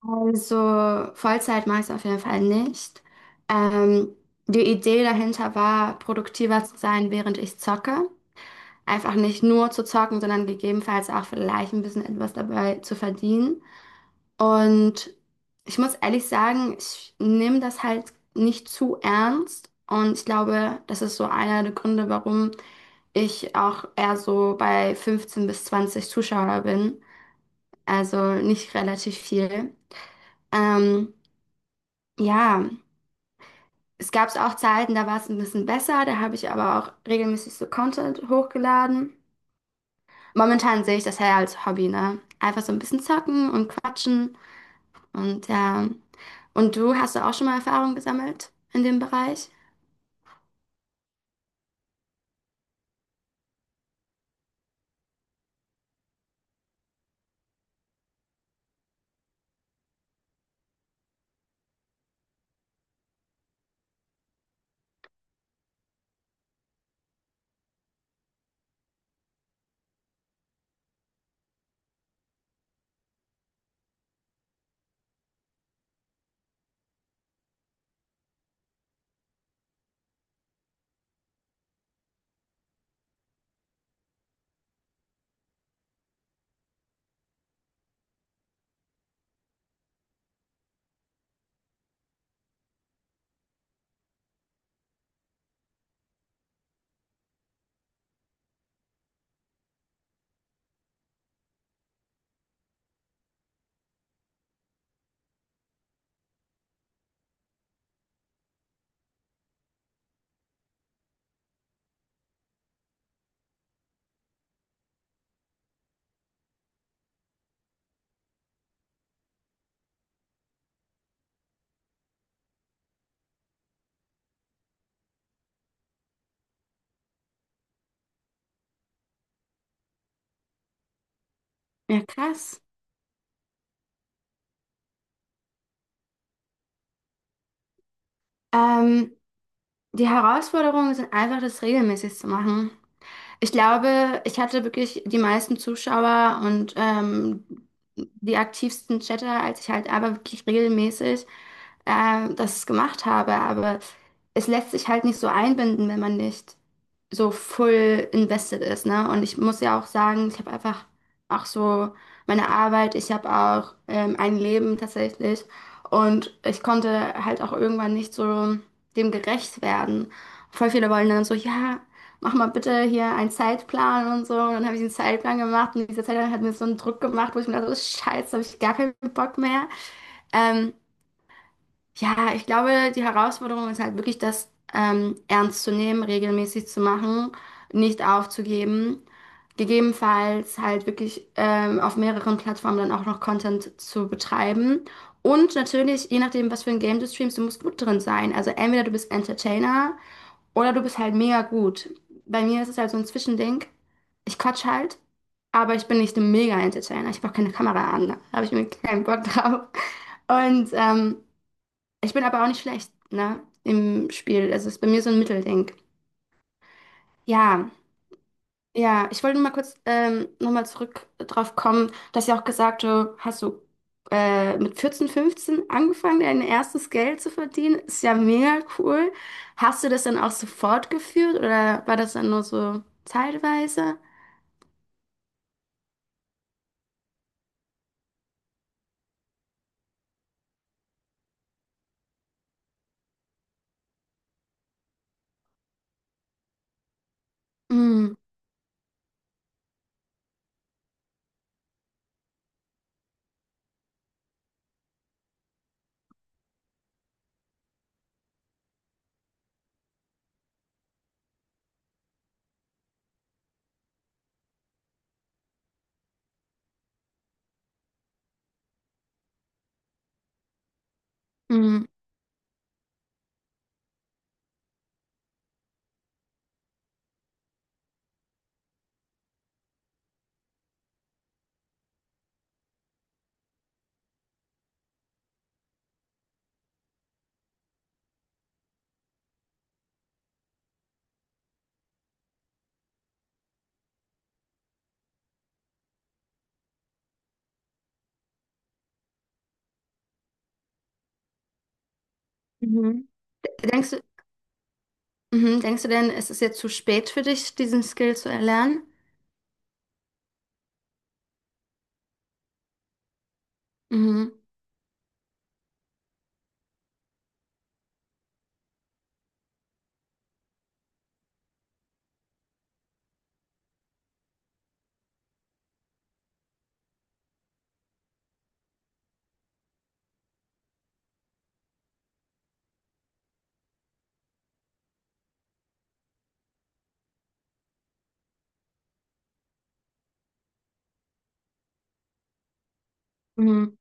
Also Vollzeit mache ich es auf jeden Fall nicht. Ähm, Die Idee dahinter war, produktiver zu sein, während ich zocke. Einfach nicht nur zu zocken, sondern gegebenenfalls auch vielleicht ein bisschen etwas dabei zu verdienen. Und ich muss ehrlich sagen, ich nehme das halt nicht zu ernst. Und ich glaube, das ist so einer der Gründe, warum ich auch eher so bei 15 bis 20 Zuschauer bin. Also nicht relativ viel. Ähm, ja. Es gab auch Zeiten, da war es ein bisschen besser, da habe ich aber auch regelmäßig so Content hochgeladen. Momentan sehe ich das eher als Hobby, ne? Einfach so ein bisschen zocken und quatschen und ja. Und du hast du auch schon mal Erfahrung gesammelt in dem Bereich? Ja, krass. Ähm, Die Herausforderungen sind einfach, das regelmäßig zu machen. Ich glaube, ich hatte wirklich die meisten Zuschauer und die aktivsten Chatter, als ich halt aber wirklich regelmäßig das gemacht habe. Aber es lässt sich halt nicht so einbinden, wenn man nicht so full invested ist, ne? Und ich muss ja auch sagen, ich habe einfach auch so meine Arbeit, ich habe auch ein Leben tatsächlich. Und ich konnte halt auch irgendwann nicht so dem gerecht werden. Voll viele wollen dann so, ja, mach mal bitte hier einen Zeitplan und so. Und dann habe ich den Zeitplan gemacht und dieser Zeitplan hat mir so einen Druck gemacht, wo ich mir dachte, oh, scheiße, habe ich gar keinen Bock mehr. Ähm, ja, ich glaube, die Herausforderung ist halt wirklich, das ernst zu nehmen, regelmäßig zu machen, nicht aufzugeben. Gegebenenfalls halt wirklich auf mehreren Plattformen dann auch noch Content zu betreiben. Und natürlich, je nachdem, was für ein Game du streamst, du musst gut drin sein. Also entweder du bist Entertainer, oder du bist halt mega gut. Bei mir ist es halt so ein Zwischending. Ich quatsch halt, aber ich bin nicht ein Mega-Entertainer. Ich habe auch keine Kamera an, ne? Da habe ich mir keinen Bock drauf. Und ich bin aber auch nicht schlecht, ne, im Spiel. Also es ist bei mir so ein Mittelding. Ja, ja, ich wollte nur mal kurz nochmal zurück drauf kommen, dass ja auch gesagt, du hast du mit 14, 15 angefangen, dein erstes Geld zu verdienen. Ist ja mega cool. Hast du das dann auch so fortgeführt oder war das dann nur so zeitweise? Mhm. Mhm. Mhm. Denkst du, mhm. Denkst du denn, es ist jetzt zu spät für dich, diesen Skill zu erlernen? Mhm. Mhm.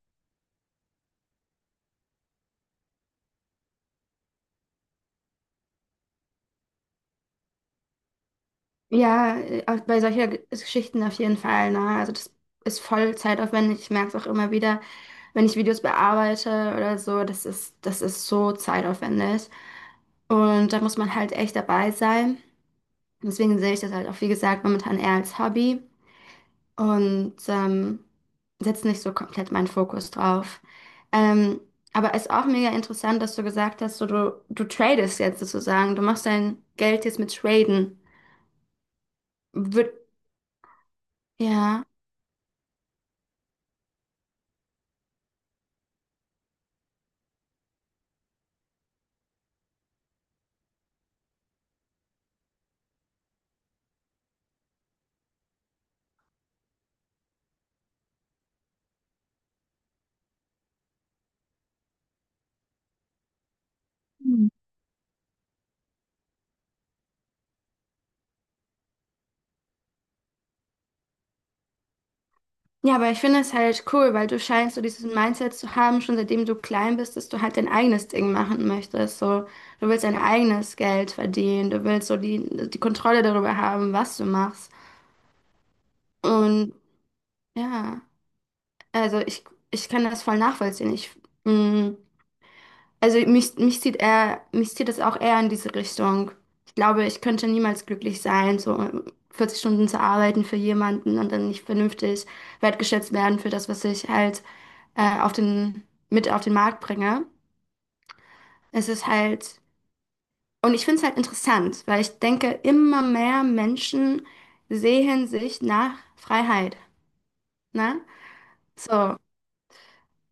Ja, auch bei solcher Geschichten auf jeden Fall. Ne? Also das ist voll zeitaufwendig. Ich merke es auch immer wieder, wenn ich Videos bearbeite oder so, das ist so zeitaufwendig. Und da muss man halt echt dabei sein. Deswegen sehe ich das halt auch, wie gesagt, momentan eher als Hobby und setze nicht so komplett meinen Fokus drauf. Ähm, aber ist auch mega interessant, dass du gesagt hast, so, du tradest jetzt sozusagen, du machst dein Geld jetzt mit Traden. Wird, ja. Ja, aber ich finde es halt cool, weil du scheinst so dieses Mindset zu haben, schon seitdem du klein bist, dass du halt dein eigenes Ding machen möchtest. So, du willst dein eigenes Geld verdienen, du willst so die Kontrolle darüber haben, was du machst. Und ja, also ich, ich kann das voll nachvollziehen. Mh, also mich zieht eher, mich zieht das auch eher in diese Richtung. Ich glaube, ich könnte niemals glücklich sein, so 40 Stunden zu arbeiten für jemanden und dann nicht vernünftig wertgeschätzt werden für das, was ich halt auf den, mit auf den Markt bringe. Es ist halt, und ich finde es halt interessant, weil ich denke, immer mehr Menschen sehen sich nach Freiheit. Ne? So,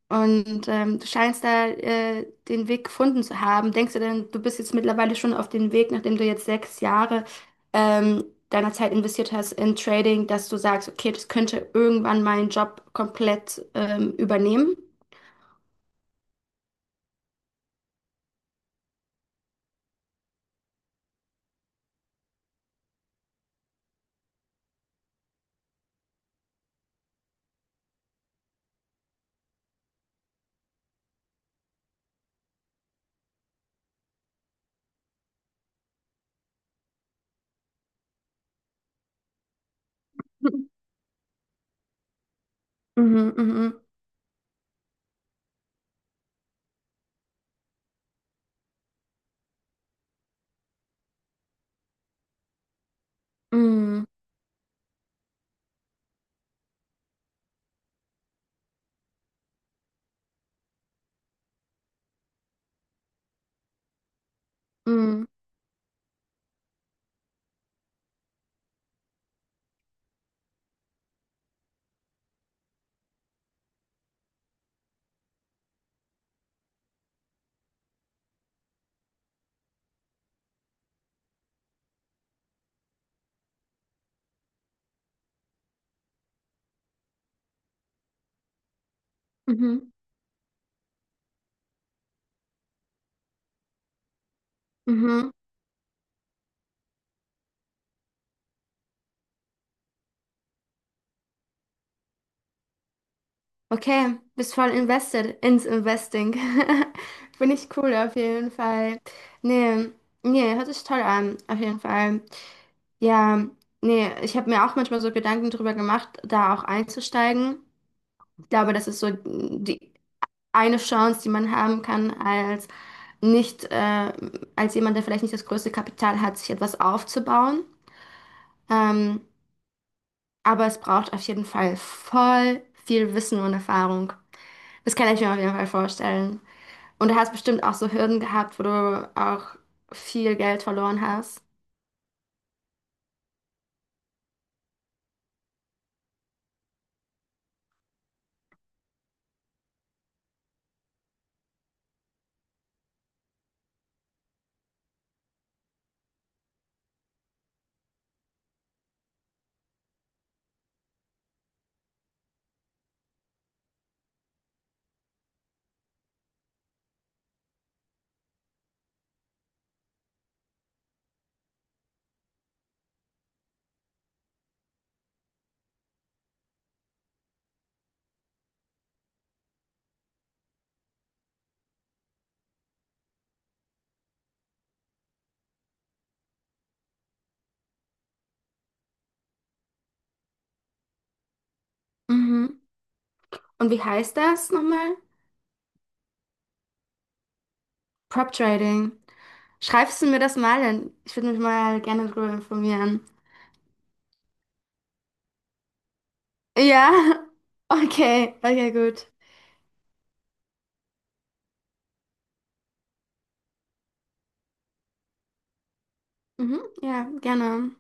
und du scheinst da den Weg gefunden zu haben. Denkst du denn, du bist jetzt mittlerweile schon auf dem Weg, nachdem du jetzt 6 Jahre ähm, deiner Zeit investiert hast in Trading, dass du sagst, okay, das könnte irgendwann meinen Job komplett übernehmen? Mhm, mhm, mhm, mhm, mhm, mhm. Mhm. Okay, bist voll invested ins Investing. Finde ich cool auf jeden Fall. Nee, nee, hört sich toll an, auf jeden Fall. Ja, nee, ich habe mir auch manchmal so Gedanken drüber gemacht, da auch einzusteigen. Ich glaube, das ist so die eine Chance, die man haben kann als nicht, als jemand, der vielleicht nicht das größte Kapital hat, sich etwas aufzubauen. Ähm, aber es braucht auf jeden Fall voll viel Wissen und Erfahrung. Das kann ich mir auf jeden Fall vorstellen. Und du hast bestimmt auch so Hürden gehabt, wo du auch viel Geld verloren hast. Mhm. Und wie heißt das nochmal? Prop Trading. Schreibst du mir das mal denn? Ich würde mich mal gerne darüber informieren. Ja, okay, okay, gut. Mhm. Ja, gerne.